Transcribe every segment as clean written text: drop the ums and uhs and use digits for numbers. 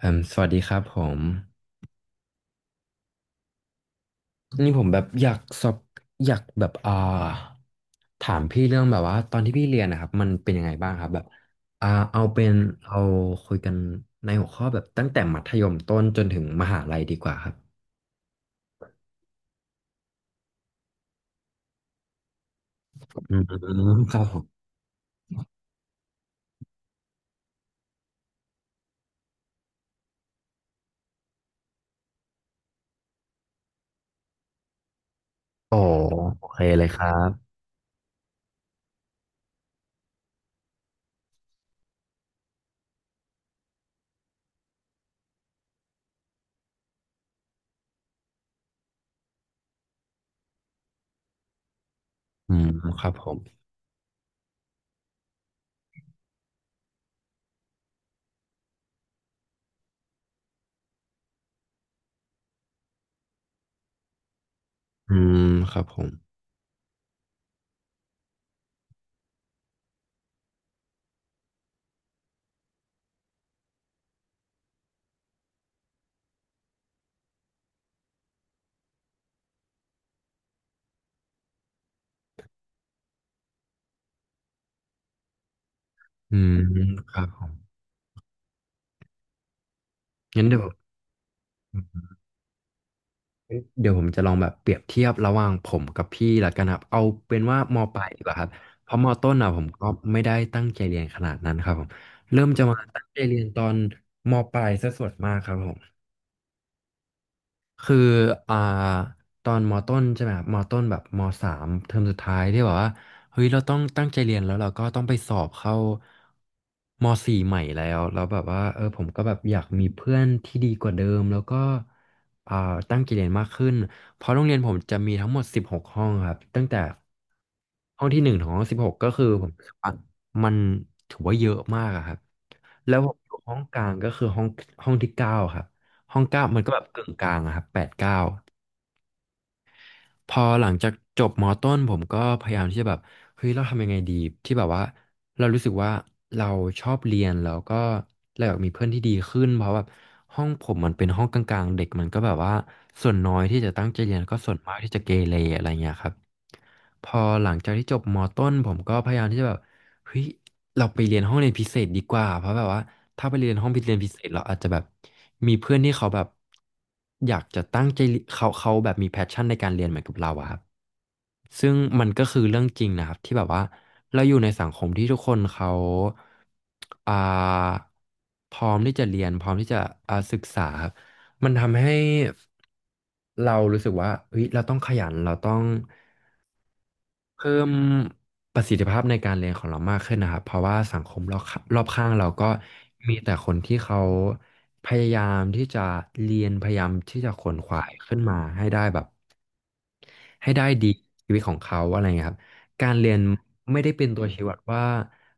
เอ่มสวัสดีครับผมนี่ผมแบบอยากแบบถามพี่เรื่องแบบว่าตอนที่พี่เรียนนะครับมันเป็นยังไงบ้างครับแบบอ่าเอาเป็นเอาคุยกันในหัวข้อแบบตั้งแต่มัธยมต้นจนถึงมหาลัยดีกว่าครับอืมครับผมโอ้โอเคเลยครับอืมครับผมอืมครับผมอืมครับผมงั้นเดี๋ยว เอ้ยเดี๋ยวผมจะลองแบบเปรียบเทียบระหว่างผมกับพี่ละกันครับเอาเป็นว่ามปลายดีกว่าครับเพราะมต้นอ่ะผมก็ไม่ได้ตั้งใจเรียนขนาดนั้นครับผมเริ่มจะมาตั้งใจเรียนตอนมปลายซะส่วนมากครับผม คืออ่าตอนมต้นใช่ไหมครับมต้นแบบมสามเทอมสุดท้ายที่แบบว่าเฮ้ยเราต้องตั้งใจเรียนแล้วเราก็ต้องไปสอบเข้ามสี่ใหม่แล้วแบบว่าผมก็แบบอยากมีเพื่อนที่ดีกว่าเดิมแล้วก็อ่าตั้งใจเรียนมากขึ้นเพราะโรงเรียนผมจะมีทั้งหมดสิบหกห้องครับตั้งแต่ห้องที่หนึ่งถึงห้องสิบหกก็คือผมรู้สึกว่ามันถือว่าเยอะมากอะครับแล้วผมอยู่ห้องกลางก็คือห้องที่เก้าครับ ห้องเก้ามันก็แบบกึ่งกลางอะครับแปดเก้าพอหลังจากจบมอต้นผมก็พยายามที่จะแบบเฮ้ยเราทำยังไงดีที่แบบว่าเรารู้สึกว่าเราชอบเรียนแล้วก็เราอยากมีเพื่อนที่ดีขึ้นเพราะแบบห้องผมมันเป็นห้องกลางๆเด็กมันก็แบบว่าส่วนน้อยที่จะตั้งใจเรียนแล้วก็ส่วนมากที่จะเกเรอะไรเงี้ยครับพอหลังจากที่จบมอต้นผมก็พยายามที่จะแบบ เฮ้ยเราไปเรียนห้องเรียนพิเศษดีกว่าเพราะแบบว่าถ้าไปเรียนห้องเรียนพิเศษเราอาจจะแบบมีเพื่อนที่เขาแบบอยากจะตั้งใจเขาแบบมีแพชชั่นในการเรียนเหมือนกับเราอะครับซึ่งมันก็คือเรื่องจริงนะครับที่แบบว่าเราอยู่ในสังคมที่ทุกคนเขาอ่าพร้อมที่จะเรียนพร้อมที่จะศึกษาครับมันทำให้เรารู้สึกว่าเฮ้ยเราต้องขยันเราต้อง เพิ่มประสิทธิภาพในการเรียนของเรามากขึ้นนะครับเพราะว่าสังคมรอบข้างรอบข้างเราก็มีแต่คนที่เขาพยายามที่จะเรียนพยายามที่จะขวนขวายขึ้นมาให้ได้แบบให้ได้ดีชีวิตของเขาอะไรเงี้ยครับ การเรียนไม่ได้เป็นตัวชี้วัดว่า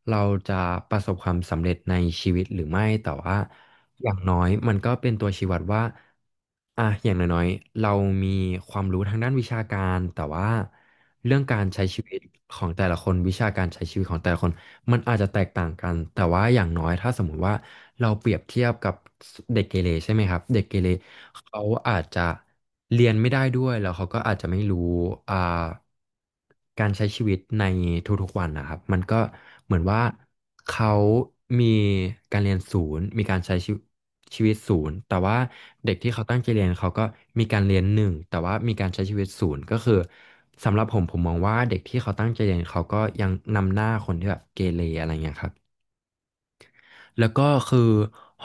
เราจะประสบความสำเร็จในชีวิตหรือไม่แต่ว่าอย่างน้อยมันก็เป็นตัวชี้วัดว่าอ่ะอย่างน้อยๆเรามีความรู้ทางด้านวิชาการแต่ว่าเรื่องการใช้ชีวิตของแต่ละคนวิชาการใช้ชีวิตของแต่ละคนมันอาจจะแตกต่างกันแต่ว่าอย่างน้อยถ้าสมมุติว่าเราเปรียบเทียบกับเด็กเกเรใช่ไหมครับเด็กเกเรเขาอาจจะเรียนไม่ได้ด้วยแล้วเขาก็อาจจะไม่รู้อ่า การใช้ชีวิตในทุกๆวันนะครับมันก็เหมือนว่าเขามีการเรียนศูนย์มีการใช้ชีวิตชีวิตศูนย์แต่ว่าเด็กที่เขาตั้งใจเรียนเขาก็มีการเรียนหนึ่งแต่ว่ามีการใช้ชีวิตศูนย์ก็คือสำหรับผมผมมองว่าเด็กที่เขาตั้งใจเรียนเขาก็ยังนำหน้าคนที่แบบเกเรอะไรเงี้ยครับ แล้วก็คือ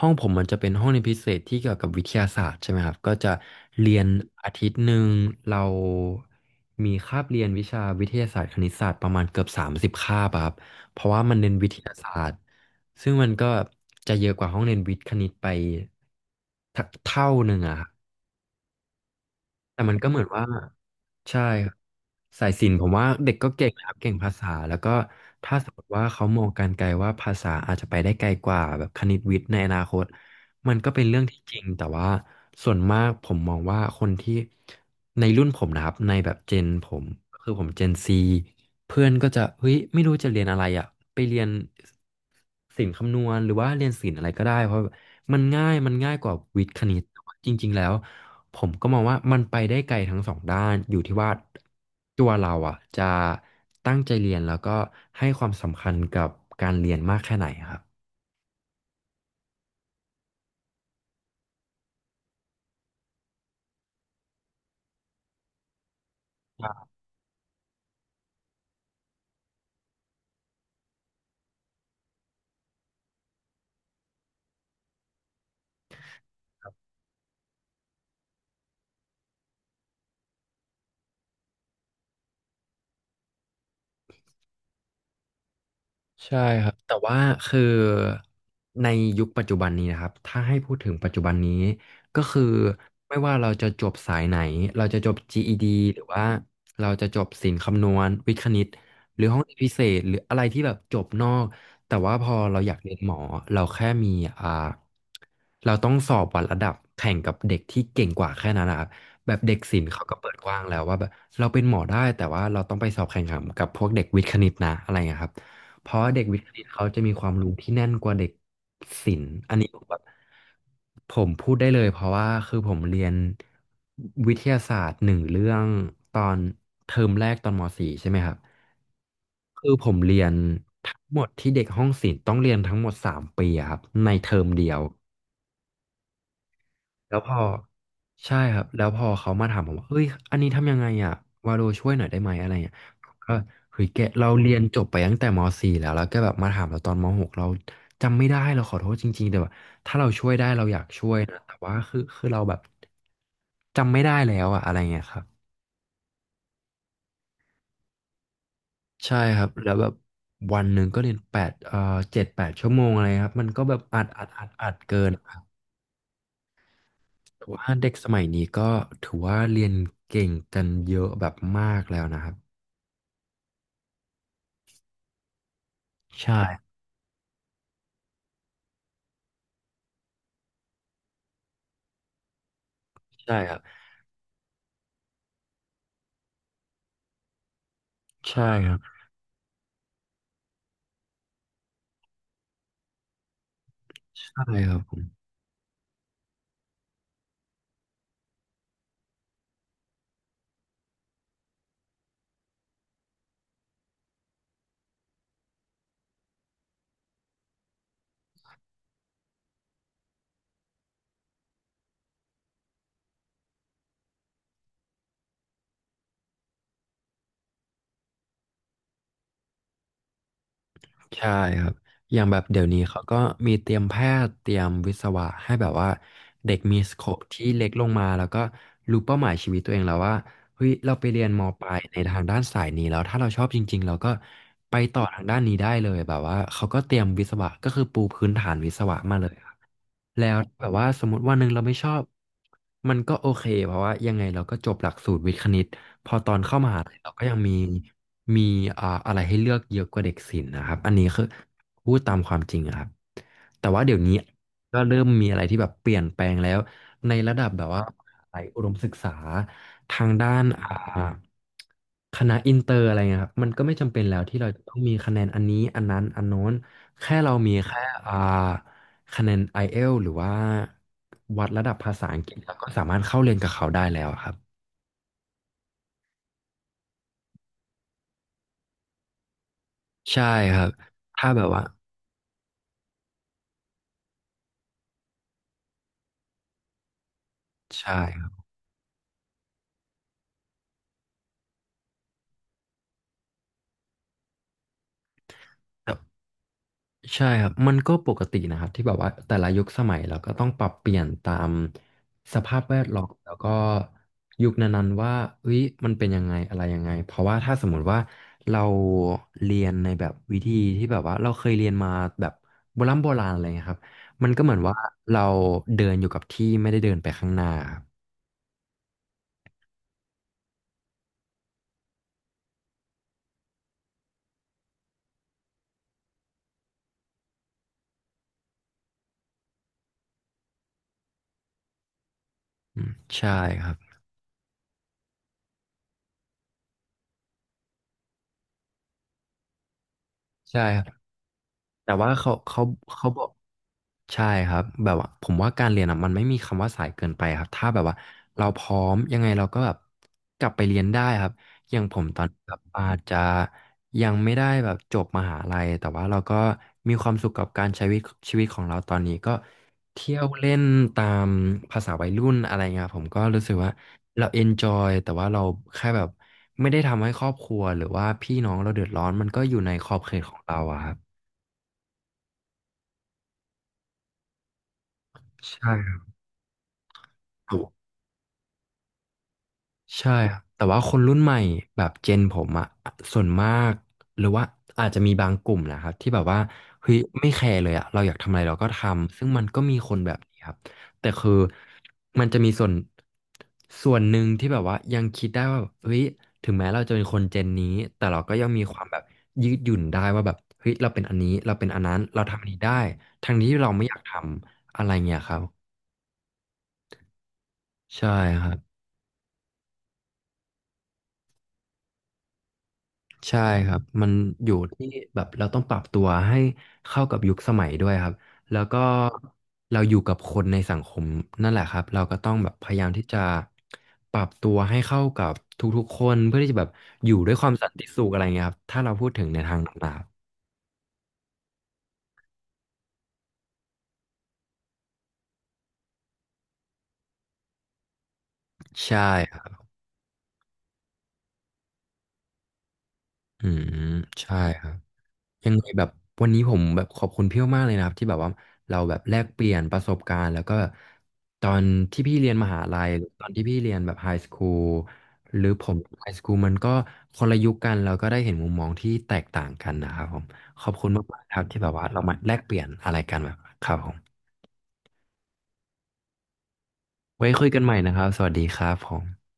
ห้องผมมันจะเป็นห้องเรียนพิเศษที่เกี่ยวกับวิทยาศาสตร์ใช่ไหมครับก็จะเรียนอาทิตย์หนึ่งเรามีคาบเรียนวิชาวิทยาศาสตร์คณิตศาสตร์ประมาณเกือบ30คาบอะครับเพราะว่ามันเน้นวิทยาศาสตร์ซึ่งมันก็จะเยอะกว่าห้องเรียนวิทย์คณิตไปเท่าหนึ่งอะครับ แต่มันก็เหมือนว่าใช่ครับสายศิลป์ผมว่าเด็กก็เก่งนะครับเก่งภาษาแล้วก็ถ้าสมมติว่าเขามองการไกลว่าภาษาอาจจะไปได้ไกลกว่าแบบคณิตวิทย์ในอนาคตมันก็เป็นเรื่องที่จริงแต่ว่าส่วนมากผมมองว่าคนที่ในรุ่นผมนะครับในแบบเจนผมคือผมเจนซีเพื่อนก็จะเฮ้ยไม่รู้จะเรียนอะไรอ่ะไปเรียนศิลป์คำนวณหรือว่าเรียนศิลป์อะไรก็ได้เพราะมันง่ายกว่าวิทย์คณิตแต่ว่าจริงๆแล้ว ผมก็มองว่ามันไปได้ไกลทั้งสองด้านอยู่ที่ว่าตัวเราอ่ะจะตั้งใจเรียนแล้วก็ให้ความสำคัญกับการเรียนมากแค่ไหนครับ ใช่ครับแต่ว่าคือในยุคปัจจุบันนี้นะครับถ้าให้พูดถึงปัจจุบันนี้ก็คือไม่ว่าเราจะจบสายไหนเราจะจบ GED หรือว่าเราจะจบศิลป์คำนวณวิทย์คณิตหรือห้องเรียนพิเศษหรืออะไรที่แบบจบนอกแต่ว่าพอเราอยากเรียนหมอเราแค่มีอ่าเราต้องสอบวัดระดับแข่งกับเด็กที่เก่งกว่าแค่นั้นนะครับแบบเด็กศิลป์เขาก็เปิดกว้างแล้วว่าแบบเราเป็นหมอได้แต่ว่าเราต้องไปสอบแข่งขันกับพวกเด็กวิทย์คณิตนะอะไรอย่างเงี้ยครับ เพราะเด็กวิทย์คณิตเขาจะมีความรู้ที่แน่นกว่าเด็กศิลป์อันนี้ผมแบบผมพูดได้เลยเพราะว่าคือผมเรียนวิทยาศาสตร์หนึ่งเรื่องตอนเทอมแรกตอนม .4 ใช่ไหมครับคือผมเรียนทั้งหมดที่เด็กห้องศิลป์ต้องเรียนทั้งหมดสามปีอะครับในเทอมเดียว แล้วพอใช่ครับแล้วพอเขามาถามผมว่าเฮ้ยอันนี้ทำยังไงอ่ะวาโลช่วยหน่อยได้ไหมอะไรเงี้ยผมก็เฮ้ยแกเราเรียนจบไปตั้งแต่ม .4 แล้วแล้วแก็แบบมาถามเราตอนม .6 เราจำไม่ได้เราขอโทษจริงๆแต่ว่าถ้าเราช่วยได้เราอยากช่วยนะแต่ว่าคือเราแบบจำไม่ได้แล้วอะอะไรเงี้ยครับใช่ครับแล้วแบบวันหนึ่งก็เรียนแปดเจ็ดแปดชั่วโมงอะไรครับมันก็แบบอัดเกิน ถือว่าเด็กสมัยนี้ก็ถือว่าเรียนเก่งกันเยอะแบบมากแล้วนะครับใช่ใช่ครับใช่ครับใช่ครับใช่ครับอย่างแบบเดี๋ยวนี้เขาก็มีเตรียมแพทย์เตรียมวิศวะให้แบบว่าเด็กมีสโคปที่เล็กลงมาแล้วก็รู้เป้าหมายชีวิตตัวเองแล้วว่าเฮ้ยเราไปเรียนมปลายในทางด้านสายนี้แล้วถ้าเราชอบจริงๆเราก็ไปต่อทางด้านนี้ได้เลยแบบว่าเขาก็เตรียมวิศวะก็คือปูพื้นฐานวิศวะมาเลย แล้วแบบว่าสมมติวันหนึ่งเราไม่ชอบมันก็โอเคเพราะว่ายังไงเราก็จบหลักสูตรวิทย์คณิตพอตอนเข้ามหาลัยเราก็ยังมีอะไรให้เลือกเยอะกว่าเด็กศิลป์นะครับอันนี้คือพูดตามความจริงอะครับแต่ว่าเดี๋ยวนี้ก็เริ่มมีอะไรที่แบบเปลี่ยนแปลงแล้ว ในระดับแบบว่าไหยอุดมศึกษาทางด้านคณะอินเตอร์อะไรเงี้ยครับมันก็ไม่จำเป็นแล้วที่เราจะต้องมีคะแนนอันนี้อันนั้นอันโน้นเรามีแค่อ่าคะแนน IELTS หรือว่าวัดระดับภาษาอังกฤษเราก็สามารถเข้าเรียนกับเขาได้แล้วครับใช่ครับถ้าแบบว่าใช่ครับ ใช่ครับ มันก็ปกตินะครับที่แบบว่าแต่ละยุคสมัยเราก็ต้องปรับเปลี่ยนตามสภาพแวดล้อมแล้วก็ยุคนั้นๆว่าเฮ้ยมันเป็นยังไงอะไรยังไงเพราะว่าถ้าสมมติว่าเราเรียนในแบบวิธีที่แบบว่าเราเคยเรียนมาแบบโบราณอะไรเงี้ยครับมันก็เหมือนว่าเราเดินอยู่กับที่ไม่ได้เดินไปข้างหน้าครับอืมใช่ครับใช่ครับแต่ว่าเขาบอก ใช่ครับแบบว่าผมว่าการเรียนอ่ะมันไม่มีคำว่าสายเกินไปครับถ้าแบบว่าเราพร้อมยังไงเราก็แบบกลับไปเรียนได้ครับอย่างผมตอนนี้ครับอาจจะยังไม่ได้แบบจบมหาลัยแต่ว่าเราก็มีความสุขกับการใช้ชีวิตชีวิตของเราตอนนี้ก็เที่ยวเล่นตามภาษาวัยรุ่นอะไรเงี้ยครับผมก็รู้สึกว่าเราเอนจอยแต่ว่าเราแค่แบบไม่ได้ทำให้ครอบครัวหรือว่าพี่น้องเราเดือดร้อนมันก็อยู่ในขอบเขตของเราอะครับใช่ครับ ใช่ครับแต่ว่าคนรุ่นใหม่แบบเจนผมอะส่วนมากหรือว่าอาจจะมีบางกลุ่มนะครับที่แบบว่าเฮ้ยไม่แคร์เลยอะเราอยากทำอะไรเราก็ทำซึ่งมันก็มีคนแบบนี้ครับแต่คือมันจะมีส่วนหนึ่งที่แบบว่ายังคิดได้ว่าเฮ้ยถึงแม้เราจะเป็นคนเจนนี้แต่เราก็ยังมีความแบบยืดหยุ่นได้ว่าแบบเฮ้ยเราเป็นอันนี้เราเป็นอันนั้นเราทำอันนี้ได้ทั้งที่เราไม่อยากทำอะไรเงี้ยครับใช่ครับ ใช่ครับ มันอยู่ที่แบบเราต้องปรับตัวให้เข้ากับยุคสมัยด้วยครับ แล้วก็เราอยู่กับคนในสังคมนั่นแหละครับ เราก็ต้องแบบพยายามที่จะปรับตัวให้เข้ากับทุกๆคนเพื่อที่จะแบบอยู่ด้วยความสันติสุขอะไรเงี้ยครับ ถ้าเราพูดถึงในทางต่างๆใช่ครับอืมใช่ครับ ยังไงแบบวันนี้ผมแบบขอบคุณพี่มากๆเลยนะครับที่แบบว่าเราแบบแลกเปลี่ยนประสบการณ์แล้วก็ตอนที่พี่เรียนมหาลัยหรือตอนที่พี่เรียนแบบไฮสคูลหรือผมไฮสคูลมันก็คนละยุคกันเราก็ได้เห็นมุมมองที่แตกต่างกันนะครับผมขอบคุณมากๆครับที่แบบว่าเรามาแลกเปลี่ยนอะไรกันแบบครับผมไว้คุยกันใหม่นะครับสวัสดีครับผม